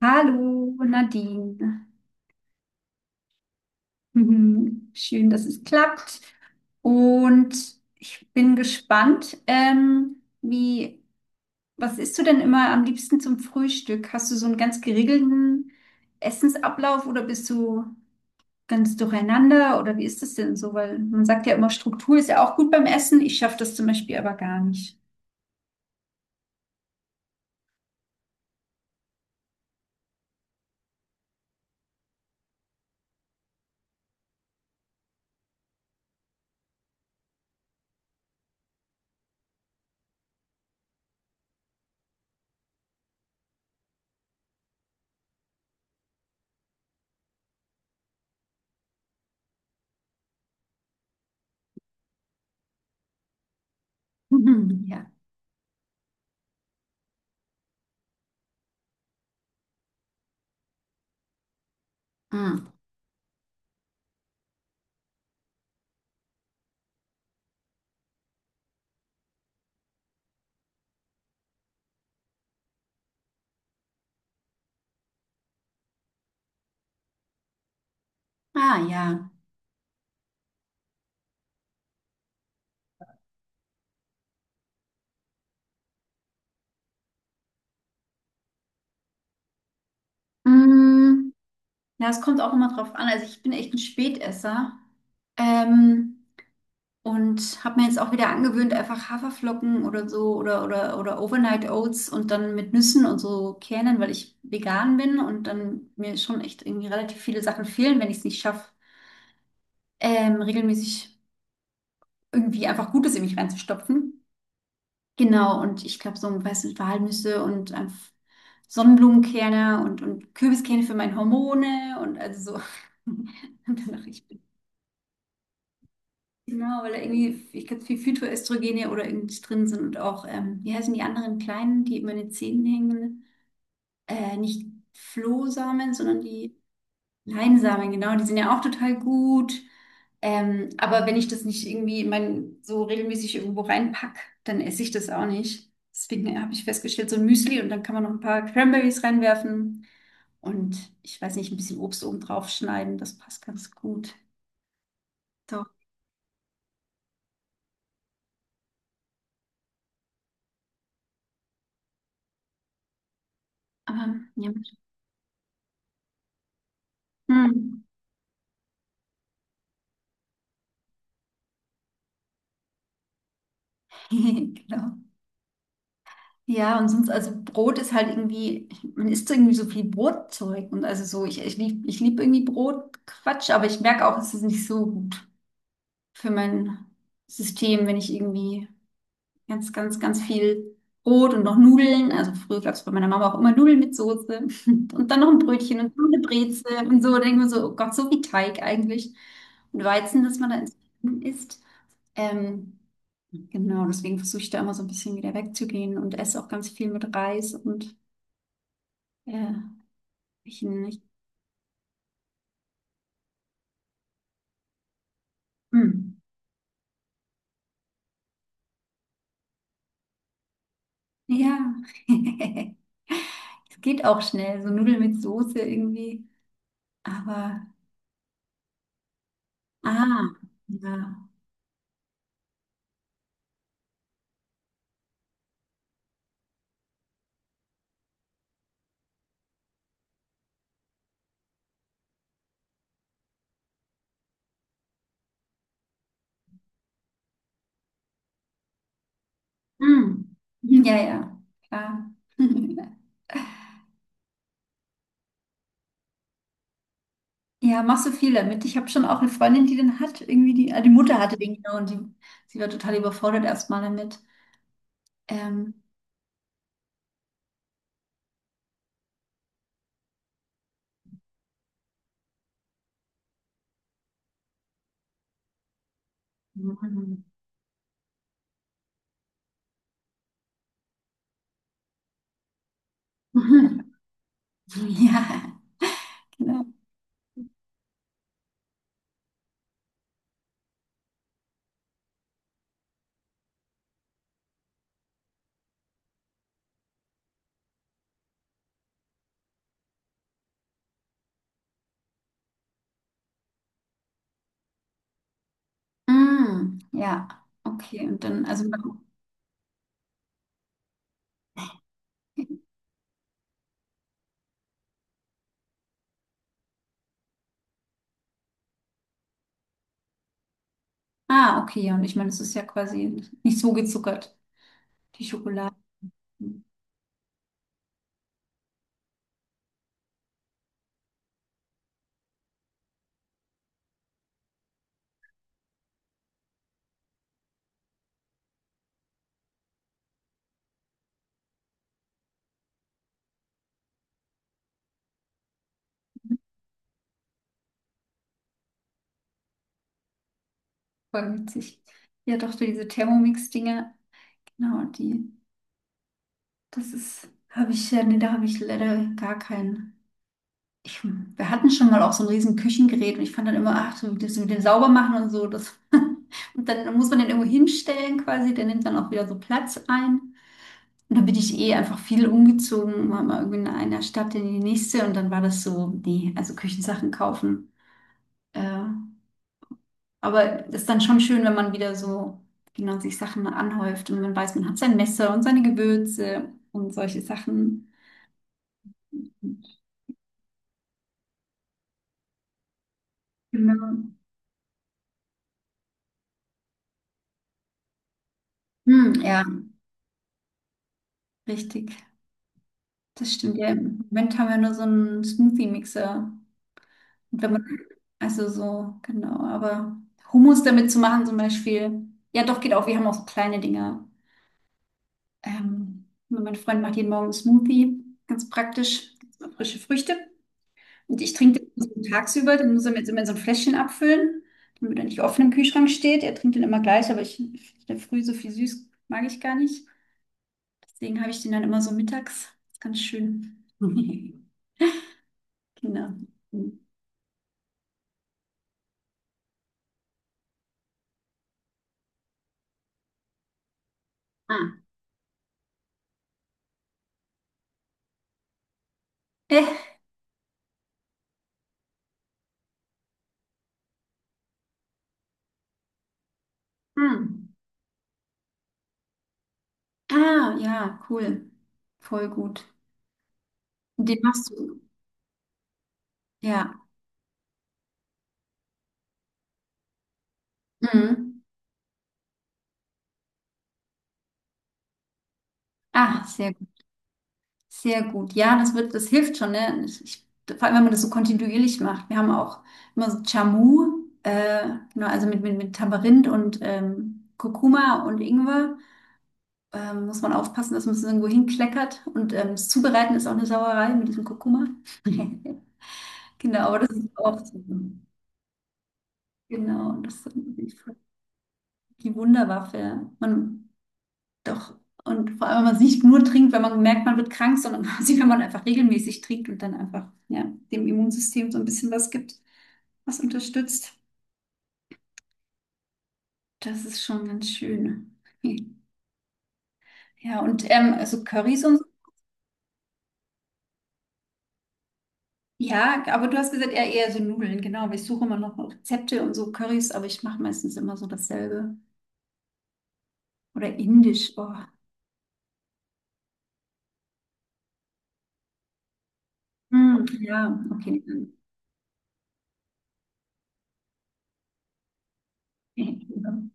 Hallo Nadine. Mhm. Schön, dass es klappt. Und ich bin gespannt, wie, was isst du denn immer am liebsten zum Frühstück? Hast du so einen ganz geregelten Essensablauf oder bist du ganz durcheinander oder wie ist das denn so? Weil man sagt ja immer, Struktur ist ja auch gut beim Essen. Ich schaffe das zum Beispiel aber gar nicht. Mhm. Ja. Mm. Ah ja. Mm. Ja, es kommt auch immer drauf an. Also ich bin echt ein Spätesser. Ähm, und habe mir jetzt auch wieder angewöhnt, einfach Haferflocken oder so oder Overnight Oats und dann mit Nüssen und so Kernen, weil ich vegan bin und dann mir schon echt irgendwie relativ viele Sachen fehlen, wenn ich es nicht schaffe, regelmäßig irgendwie einfach Gutes in mich reinzustopfen. Genau, und ich glaube, so, weißt du, Walnüsse und einfach Sonnenblumenkerne und Kürbiskerne für meine Hormone und also so. Und dann dachte ich, genau, weil da irgendwie, ich glaube, viel Phytoöstrogene oder irgendwie drin sind und auch, wie heißen die anderen kleinen, die immer in den Zähnen hängen? Nicht Flohsamen, sondern die Leinsamen, genau, die sind ja auch total gut. Aber wenn ich das nicht irgendwie in mein, so regelmäßig irgendwo reinpack, dann esse ich das auch nicht. Deswegen habe ich festgestellt, so ein Müsli und dann kann man noch ein paar Cranberries reinwerfen und ich weiß nicht, ein bisschen Obst oben drauf schneiden, das passt ganz gut. Doch, aber ja. Hm. Genau. Ja, und sonst, also Brot ist halt irgendwie, man isst irgendwie so viel Brotzeug. Und also so, ich lieb irgendwie Brotquatsch, aber ich merke auch, es ist nicht so gut für mein System, wenn ich irgendwie ganz, ganz, ganz viel Brot und noch Nudeln. Also früher gab es bei meiner Mama auch immer Nudeln mit Soße und dann noch ein Brötchen und noch eine Brezel und so. Da denkt man so, oh Gott, so wie Teig eigentlich. Und Weizen, das man da ins isst. Ähm, genau, deswegen versuche ich da immer so ein bisschen wieder wegzugehen und esse auch ganz viel mit Reis und äh, ich nicht. Hm. Ja, es geht auch schnell, so Nudeln mit Soße irgendwie. Aber, ah, ja. Hm. Ja, ja, klar. Ja, machst du viel damit. Ich habe schon auch eine Freundin, die den hat, irgendwie die, ah, die Mutter hatte den genau und die, sie war total überfordert erstmal damit. Ähm. Ja, genau. Hm. Ja, okay. Und dann, also, ah, okay, ja, und ich meine, es ist ja quasi nicht so gezuckert, die Schokolade. Voll witzig. Ja, doch, so diese Thermomix-Dinger, genau, die, das ist, habe ich, ja, nee, da habe ich leider gar keinen. Ich, wir hatten schon mal auch so ein riesen Küchengerät und ich fand dann immer, ach, so das mit dem Saubermachen und so, das, und dann muss man den irgendwo hinstellen quasi, der nimmt dann auch wieder so Platz ein. Und dann bin ich eh einfach viel umgezogen, war mal irgendwie in einer Stadt in die nächste und dann war das so, nee, also Küchensachen kaufen. Äh, aber ist dann schon schön, wenn man wieder so, genau, sich Sachen anhäuft und man weiß, man hat sein Messer und seine Gewürze und solche Sachen. Genau. Hm, ja, richtig. Das stimmt ja. Im Moment haben wir nur so einen Smoothie-Mixer. Und wenn man, also so, genau. Aber Hummus damit zu machen zum Beispiel. Ja, doch, geht auch. Wir haben auch so kleine Dinger. Mein Freund macht jeden Morgen einen Smoothie. Ganz praktisch. Frische Früchte. Und ich trinke den so tagsüber. Den muss er mir jetzt immer in so ein Fläschchen abfüllen, damit er nicht offen im Kühlschrank steht. Er trinkt den immer gleich, aber ich, in der Früh so viel süß mag ich gar nicht. Deswegen habe ich den dann immer so mittags. Ganz schön. Genau. Ah. Äh, hm. Ah, ja, cool. Voll gut. Und den machst du. Ja. Mhm. Ah, sehr gut. Sehr gut. Ja, das wird, das hilft schon, ne? Ich, vor allem, wenn man das so kontinuierlich macht. Wir haben auch immer so Jamu, genau, also mit, mit Tamarind und Kurkuma und Ingwer. Muss man aufpassen, dass man es irgendwo hinkleckert. Und das Zubereiten ist auch eine Sauerei mit diesem Kurkuma. Genau, aber das ist auch so. Genau, das ist die Wunderwaffe. Man, doch. Und vor allem, wenn man es nicht nur trinkt, wenn man merkt, man wird krank, sondern quasi, wenn man einfach regelmäßig trinkt und dann einfach, ja, dem Immunsystem so ein bisschen was gibt, was unterstützt. Das ist schon ganz schön. Ja, und also Currys und so. Ja, aber du hast gesagt, eher so Nudeln, genau. Aber ich suche immer noch Rezepte und so Currys, aber ich mache meistens immer so dasselbe. Oder indisch. Oh. Hm, ja, okay. Hm,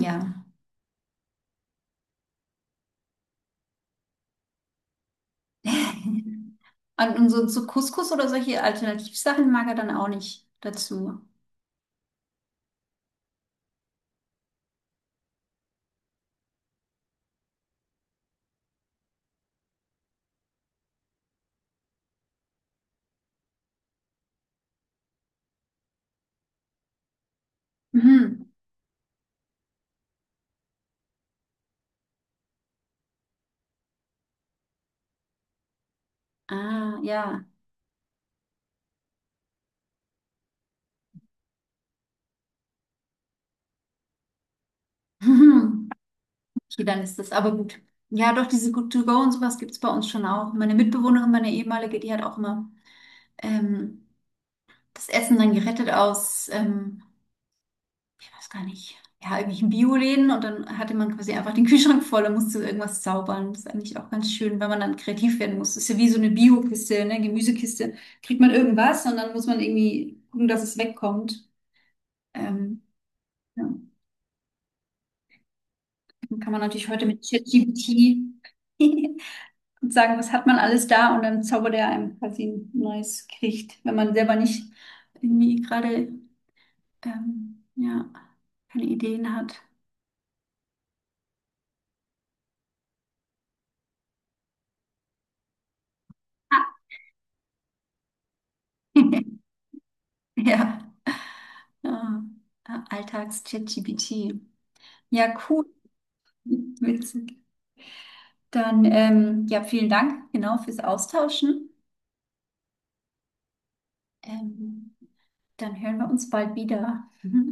ja. Und so, so Couscous oder solche Alternativsachen mag er dann auch nicht dazu. Mhm. Ah, ja. Mhm. Okay, dann ist das aber gut. Ja, doch, diese Good-to-go und sowas gibt es bei uns schon auch. Meine Mitbewohnerin, meine ehemalige, die hat auch immer ähm, das Essen dann gerettet aus ich weiß gar nicht, ja, irgendwelchen Bioläden und dann hatte man quasi einfach den Kühlschrank voll und musste irgendwas zaubern. Das ist eigentlich auch ganz schön, weil man dann kreativ werden muss. Das ist ja wie so eine Biokiste, ne, Gemüsekiste. Kriegt man irgendwas und dann muss man irgendwie gucken, dass es wegkommt. Ähm, ja. Dann kann man natürlich heute mit ChatGPT und sagen, was hat man alles da und dann zaubert er einem quasi ein neues Gericht, wenn man selber nicht irgendwie gerade ja, keine Ideen hat. Ja. Ja, Alltags-ChatGPT. Ja, cool. Witzig. Dann, ja, vielen Dank, genau, fürs Austauschen. Ähm, Dann hören wir uns bald wieder.